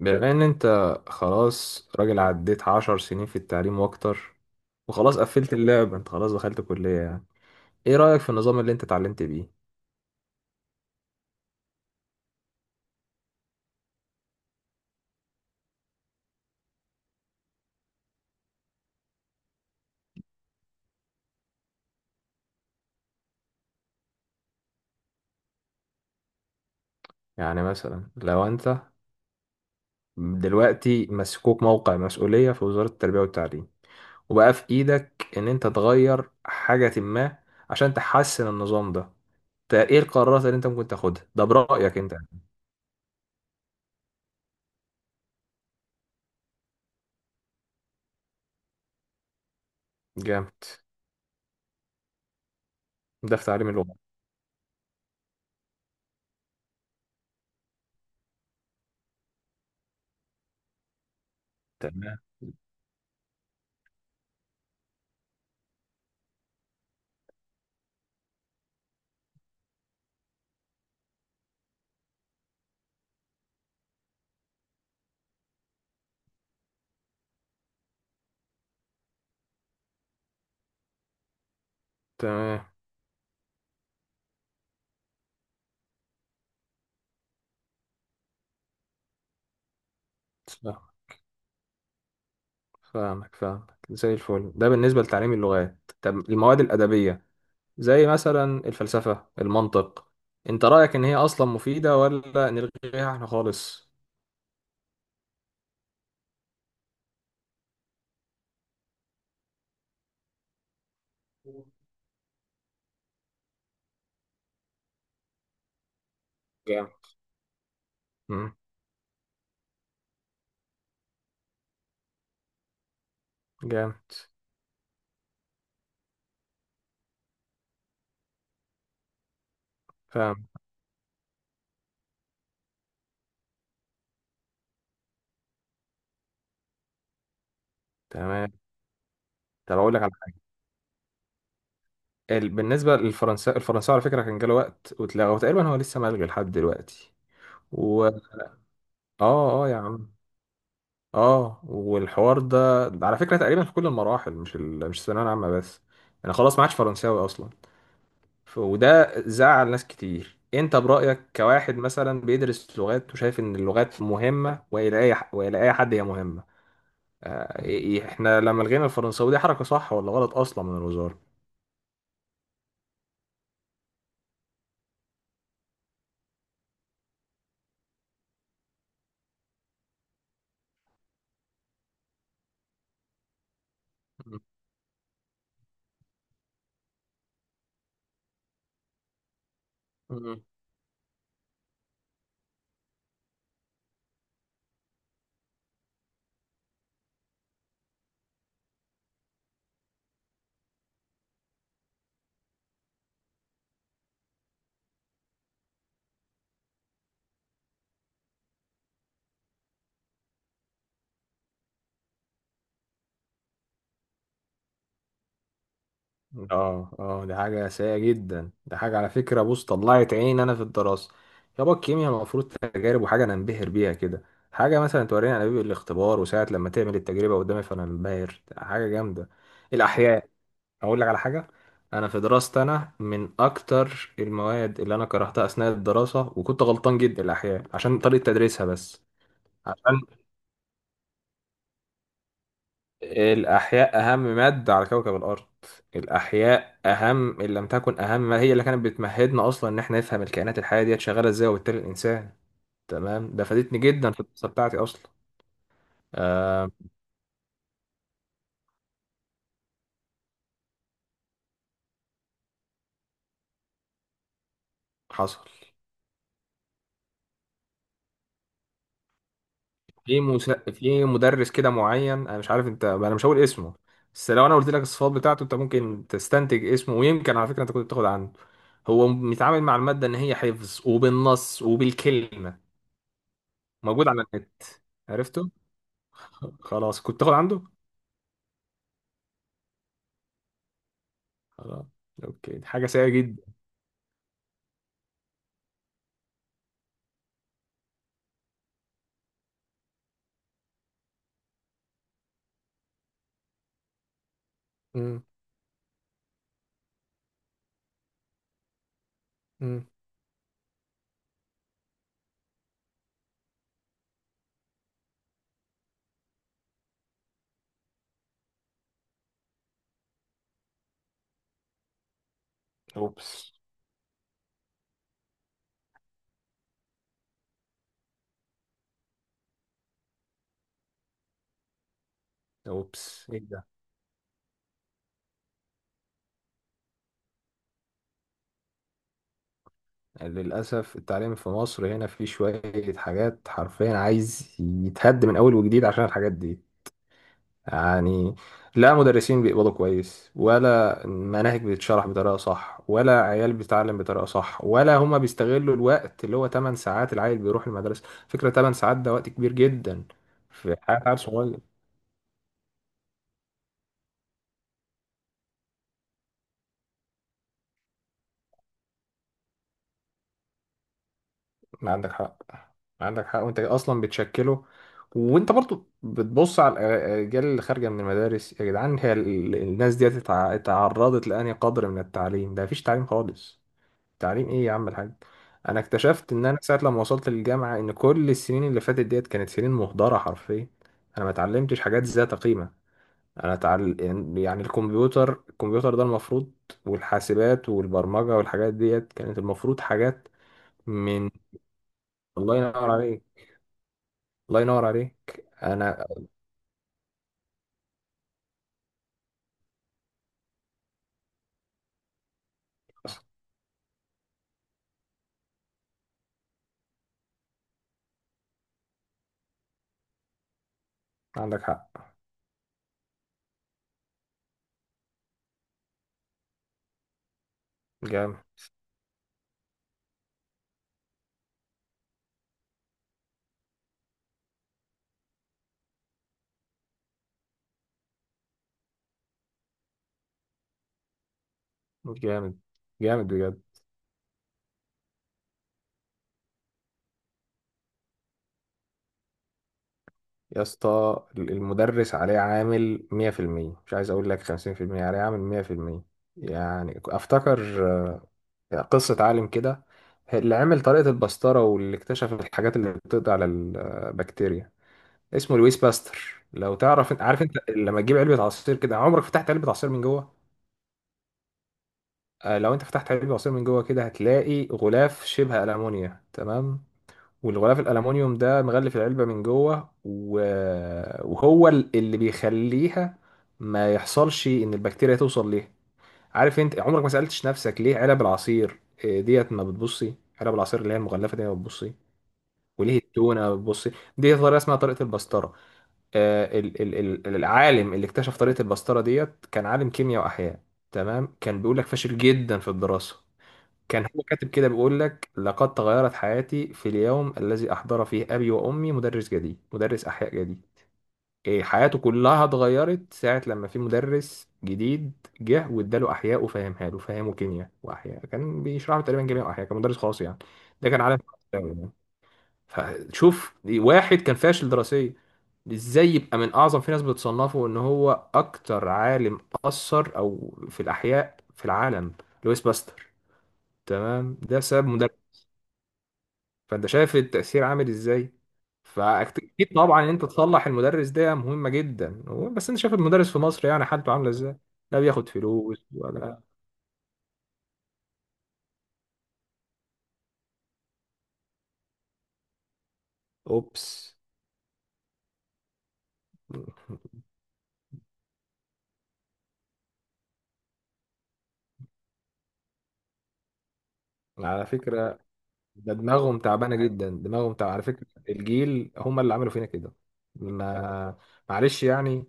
بما ان انت خلاص راجل، عديت 10 سنين في التعليم واكتر، وخلاص قفلت اللعبة. انت خلاص دخلت كلية. يعني ايه رأيك في النظام اللي انت اتعلمت بيه؟ يعني مثلا لو انت دلوقتي مسكوك موقع مسؤولية في وزارة التربية والتعليم وبقى في ايدك ان انت تغير حاجة ما عشان تحسن النظام ده، ايه القرارات اللي انت ممكن تاخدها ده برأيك انت؟ جامد. ده في تعليم اللغة. تمام، تمام. صح. فاهمك، فاهمك زي الفل. ده بالنسبة لتعليم اللغات. طب المواد الأدبية زي مثلا الفلسفة، المنطق، أنت رأيك إن هي أصلا مفيدة ولا نلغيها إحنا خالص؟ جامد. مم. جامد. فاهم. تمام. طب أقول لك على حاجة. بالنسبة للفرنسا، الفرنساوي على فكرة كان جاله وقت واتلغى، وتقريبا هو لسه ملغي لحد دلوقتي و... آه، آه يا عم. آه، والحوار ده على فكرة تقريبا في كل المراحل، مش الثانوية العامة بس. أنا خلاص ما عادش فرنساوي أصلا. وده زعل ناس كتير. انت برأيك كواحد مثلا بيدرس لغات وشايف ان اللغات مهمة، والى اي حد هي مهمة؟ آه، إيه- إيه، احنا لما لغينا الفرنساوي دي حركة صح ولا غلط اصلا من الوزارة؟ مم. مم. اه، اه، دي حاجة سيئة جدا. دي حاجة على فكرة، بص، طلعت عيني انا في الدراسة. يابا الكيمياء المفروض تجارب، وحاجة انا انبهر بيها كده. حاجة مثلا توريني انابيب الاختبار، وساعة لما تعمل التجربة قدامي فانا انبهر، حاجة جامدة. الأحياء. اقول لك على حاجه، انا في دراستي انا من اكتر المواد اللي انا كرهتها اثناء الدراسه وكنت غلطان جدا الاحياء، عشان طريقه تدريسها بس. عشان الاحياء اهم ماده على كوكب الارض. الاحياء اهم، ان لم تكن اهم، ما هي اللي كانت بتمهدنا اصلا ان احنا نفهم الكائنات الحيه ديت شغاله ازاي، وبالتالي الانسان. تمام، ده فادتني جدا في الدراسه بتاعتي اصلا. آه. حصل. في مدرس كده معين، انا مش عارف انت، انا مش هقول اسمه، بس لو انا قلت لك الصفات بتاعته انت ممكن تستنتج اسمه، ويمكن على فكره انت كنت بتاخد عنه. هو بيتعامل مع الماده ان هي حفظ وبالنص وبالكلمه. موجود على النت. عرفته. خلاص كنت تاخد عنده. خلاص. اوكي، دي حاجه سيئه جدا. امم. امم. اوبس. اوبس، ايه ده. للاسف التعليم في مصر هنا فيه شويه حاجات حرفيا عايز يتهد من اول وجديد عشان الحاجات دي. يعني لا مدرسين بيقبضوا كويس، ولا مناهج بتتشرح بطريقة صح، ولا عيال بتتعلم بطريقة صح، ولا هما بيستغلوا الوقت اللي هو 8 ساعات العيل بيروح المدرسة. فكرة 8 ساعات ده وقت كبير جدا في حياة عيل صغير. ما عندك حق. ما عندك حق، وانت اصلا بتشكله. وانت برضو بتبص على الاجيال اللي خارجه من المدارس، يا جدعان هي الناس دي اتعرضت لانهي قدر من التعليم؟ ده مفيش تعليم خالص. تعليم ايه يا عم الحاج؟ انا اكتشفت ان انا ساعه لما وصلت للجامعه ان كل السنين اللي فاتت ديت كانت سنين مهدره حرفيا. انا ما اتعلمتش حاجات ذات قيمه. انا تعل... يعني الكمبيوتر ده المفروض، والحاسبات والبرمجه والحاجات ديت كانت المفروض حاجات من... الله ينور عليك. الله ينور عليك. انا عندك حق. جامد. جامد، جامد بجد. يا اسطى، المدرس عليه عامل 100%، مش عايز اقول لك 50%، عليه عامل 100%. يعني افتكر، يعني قصة عالم كده اللي عمل طريقة البسترة واللي اكتشف الحاجات اللي بتقضي على البكتيريا، اسمه لويس باستر لو تعرف. عارف انت لما تجيب علبة عصير كده، عمرك فتحت علبة عصير من جوه؟ لو انت فتحت علبة عصير من جوه كده هتلاقي غلاف شبه ألمونيا. تمام، والغلاف الالومنيوم ده مغلف العلبه من جوه و... وهو اللي بيخليها ما يحصلش ان البكتيريا توصل ليها. عارف انت عمرك ما سالتش نفسك ليه علب العصير ديت ما بتبصي؟ علب العصير اللي هي المغلفه دي ما بتبصي، وليه التونه ما بتبصي؟ دي طريقه اسمها طريقه البسطره. آه، ال... ال... العالم اللي اكتشف طريقه البسطره ديت كان عالم كيمياء واحياء. تمام، كان بيقول لك فاشل جدا في الدراسه. كان هو كاتب كده بيقول لك: لقد تغيرت حياتي في اليوم الذي أحضر فيه أبي وأمي مدرس جديد، مدرس أحياء جديد. إيه، حياته كلها اتغيرت ساعة لما في مدرس جديد جه واداله أحياء وفهمها له، فهمه كيمياء وأحياء، كان بيشرح له تقريبا كيمياء وأحياء، كان مدرس خاص يعني. ده كان عالم فرنساوي يعني. فشوف واحد كان فاشل دراسيا ازاي يبقى من اعظم، في ناس بتصنفه ان هو اكتر عالم اثر او في الاحياء في العالم، لويس باستر. تمام، ده سبب. فانت شايف التأثير عامل ازاي. فاكيد طبعا ان انت تصلح المدرس ده مهمة جدا، بس انت شايف المدرس في مصر يعني حالته عاملة ازاي؟ لا بياخد فلوس ولا... اوبس. على فكرة ده دماغهم تعبانه جدا، دماغهم تعبانه على فكره، الجيل هم اللي عملوا فينا كده. ما... معلش يعني.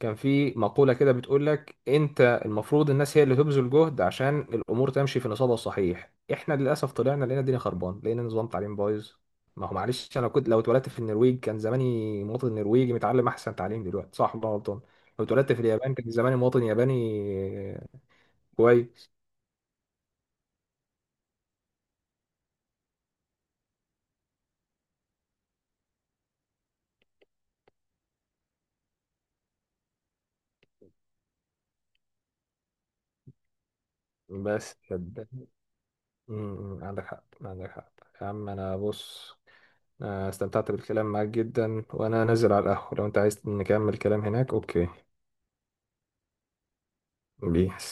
كان في مقوله كده بتقول لك انت المفروض الناس هي اللي تبذل جهد عشان الامور تمشي في نصابها الصحيح. احنا للاسف طلعنا لقينا الدنيا خربان، لقينا نظام تعليم بايظ. ما هو معلش، انا كنت لو اتولدت في النرويج كان زماني مواطن نرويجي متعلم احسن تعليم دلوقتي، صح ولا أنا غلطان؟ لو اتولدت في اليابان كان زماني مواطن ياباني. كويس. بس كده. امم، عندك حق، عندك حق. يا عم انا بص، أنا استمتعت بالكلام معاك جدا، وانا نازل على القهوة لو انت عايز نكمل كلام هناك. اوكي. بيس.